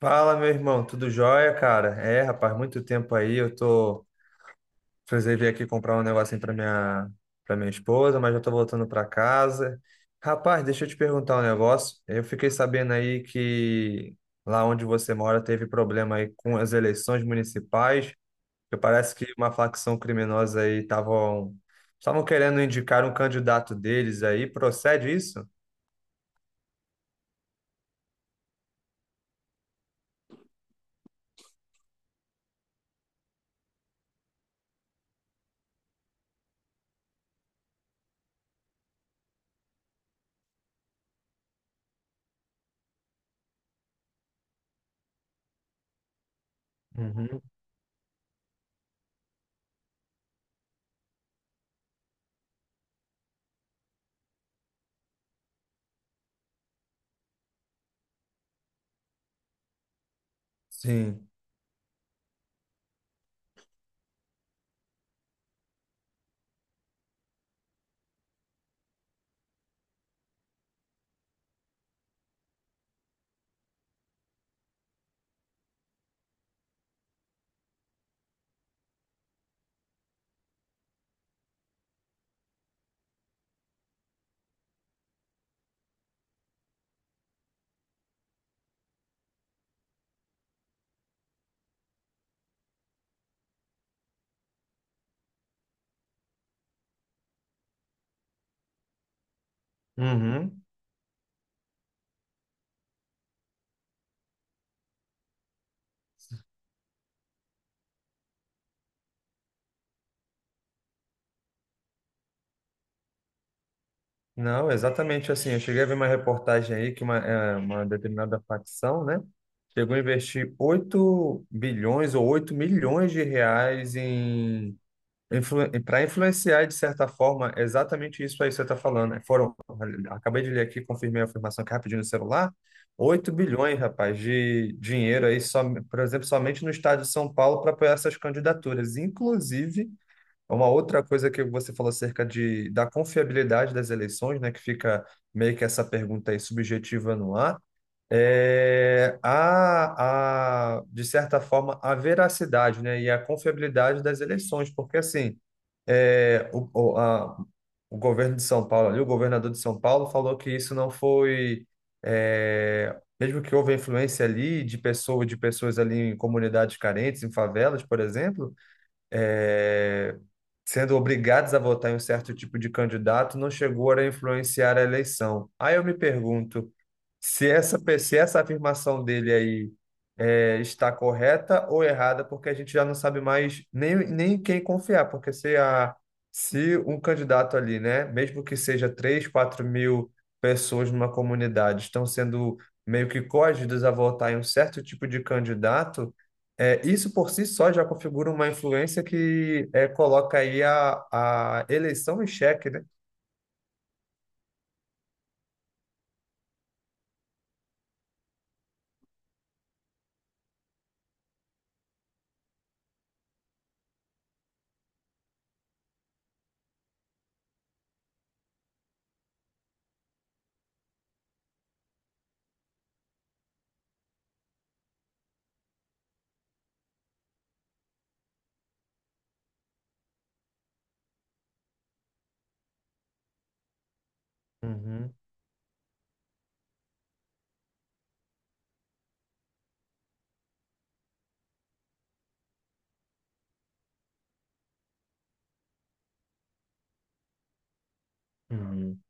Fala, meu irmão, tudo jóia, cara? É, rapaz, muito tempo aí, eu tô. Precisei vir aqui comprar um negocinho pra minha esposa, mas já tô voltando pra casa. Rapaz, deixa eu te perguntar um negócio. Eu fiquei sabendo aí que lá onde você mora teve problema aí com as eleições municipais, que parece que uma facção criminosa aí estavam querendo indicar um candidato deles aí. Procede isso? Uhum. Sim. Uhum. Não, exatamente assim. Eu cheguei a ver uma reportagem aí que uma determinada facção, né, chegou a investir 8 bilhões ou 8 milhões de reais para influenciar, de certa forma, exatamente isso aí que você está falando, né? Acabei de ler aqui, confirmei a afirmação aqui rapidinho no celular. 8 bilhões, rapaz, de dinheiro aí, só, por exemplo, somente no estado de São Paulo para apoiar essas candidaturas. Inclusive uma outra coisa que você falou acerca da confiabilidade das eleições, né, que fica meio que essa pergunta aí subjetiva no ar, de certa forma, a veracidade, né, e a confiabilidade das eleições, porque assim, é, o, o, a, o governo de São Paulo ali, o governador de São Paulo falou que isso não foi, é, mesmo que houve influência ali de pessoas ali em comunidades carentes, em favelas, por exemplo, é, sendo obrigados a votar em um certo tipo de candidato, não chegou a influenciar a eleição. Aí eu me pergunto se essa afirmação dele aí está correta ou errada, porque a gente já não sabe mais nem quem confiar, porque se um candidato ali, né, mesmo que seja 3 4 mil pessoas numa comunidade, estão sendo meio que coagidas a votar em um certo tipo de candidato. Isso por si só já configura uma influência que coloca aí a eleição em xeque, né? Uhum, uhum.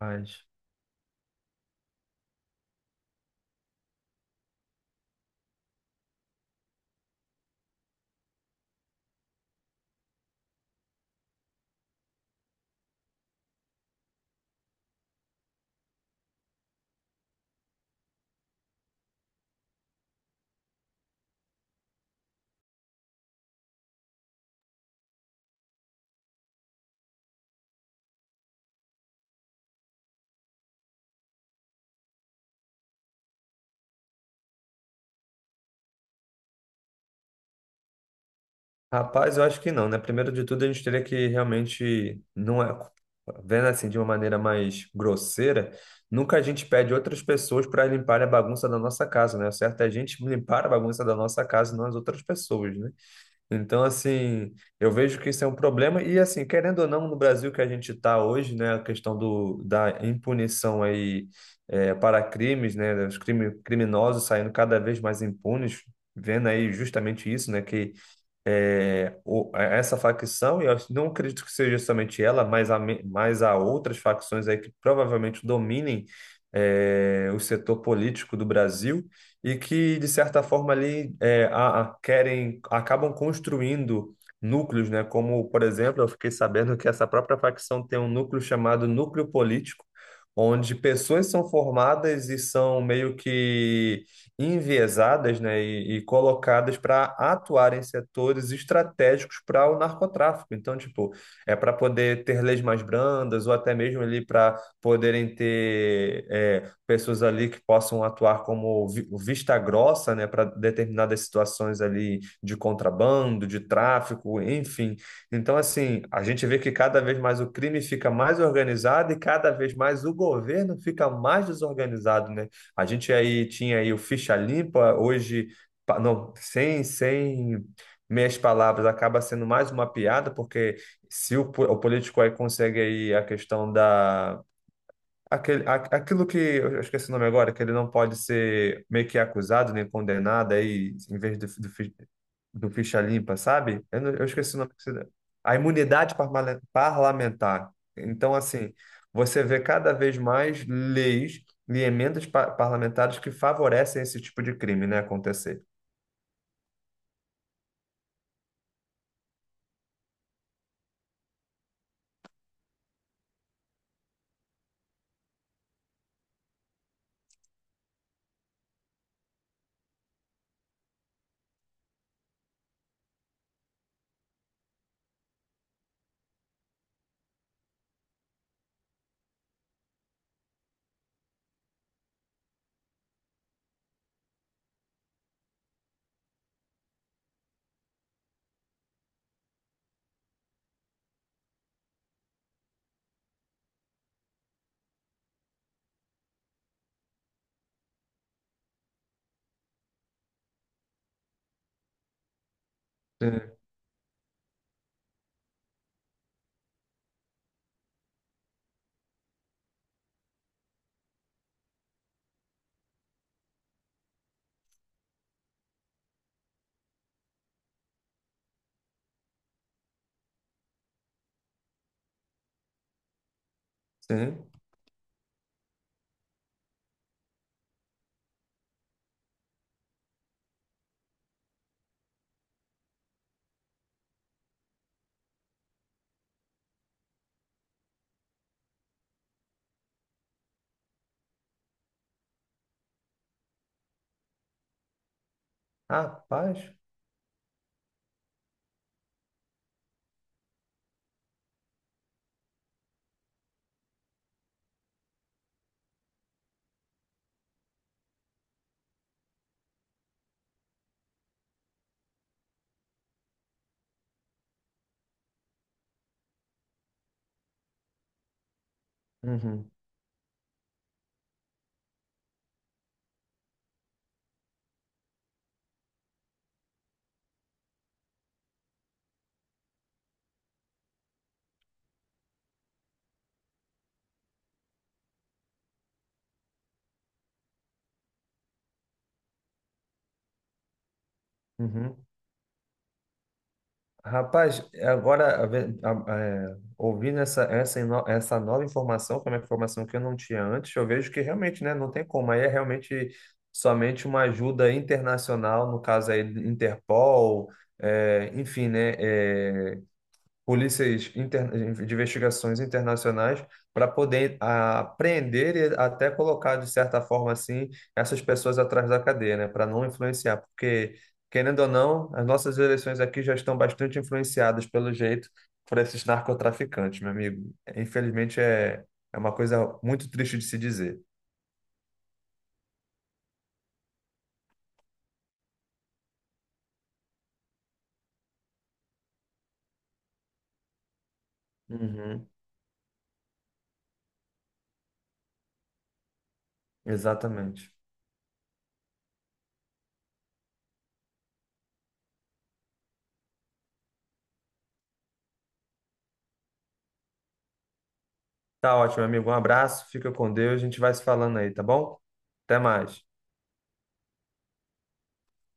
Mas. Rapaz, eu acho que não, né? Primeiro de tudo, a gente teria que realmente, não é, vendo assim de uma maneira mais grosseira, nunca a gente pede outras pessoas para limpar a bagunça da nossa casa, né? O certo é a gente limpar a bagunça da nossa casa, não as outras pessoas, né? Então, assim, eu vejo que isso é um problema e, assim, querendo ou não, no Brasil que a gente está hoje, né, a questão da impunição aí para crimes, né, os criminosos saindo cada vez mais impunes, vendo aí justamente isso, né, que essa facção, e eu não acredito que seja somente ela, mas há outras facções aí que provavelmente dominem o setor político do Brasil e que, de certa forma, ali acabam construindo núcleos, né? Como, por exemplo, eu fiquei sabendo que essa própria facção tem um núcleo chamado núcleo político, onde pessoas são formadas e são meio que enviesadas, né, e colocadas para atuar em setores estratégicos para o narcotráfico. Então, tipo, é para poder ter leis mais brandas ou até mesmo ali para poderem ter pessoas ali que possam atuar como vista grossa, né, para determinadas situações ali de contrabando, de tráfico, enfim. Então, assim, a gente vê que cada vez mais o crime fica mais organizado e cada vez mais o governo fica mais desorganizado, né? A gente aí tinha aí o Ficha Limpa, hoje, não, sem meias palavras, acaba sendo mais uma piada, porque se o político aí consegue aí a questão aquilo que, eu esqueci o nome agora, que ele não pode ser meio que acusado nem condenado aí, em vez do ficha limpa, sabe? Eu, não- eu esqueci o nome que deu. A imunidade parlamentar. Então, assim, você vê cada vez mais leis e emendas parlamentares que favorecem esse tipo de crime, né, acontecer. Sim. Sim. Ah, paz. Uhum. Uhum. Rapaz, agora a ve- a- é, ouvindo essa nova informação, que é uma informação que eu não tinha antes, eu vejo que realmente, né, não tem como. Aí é realmente somente uma ajuda internacional, no caso aí, Interpol, enfim, né? Polícias de investigações internacionais para poder e até colocar, de certa forma, assim, essas pessoas atrás da cadeia, né? Para não influenciar, porque, querendo ou não, as nossas eleições aqui já estão bastante influenciadas, pelo jeito, por esses narcotraficantes, meu amigo. Infelizmente, é uma coisa muito triste de se dizer. Uhum, exatamente. Tá ótimo, amigo. Um abraço, fica com Deus, a gente vai se falando aí, tá bom? Até mais.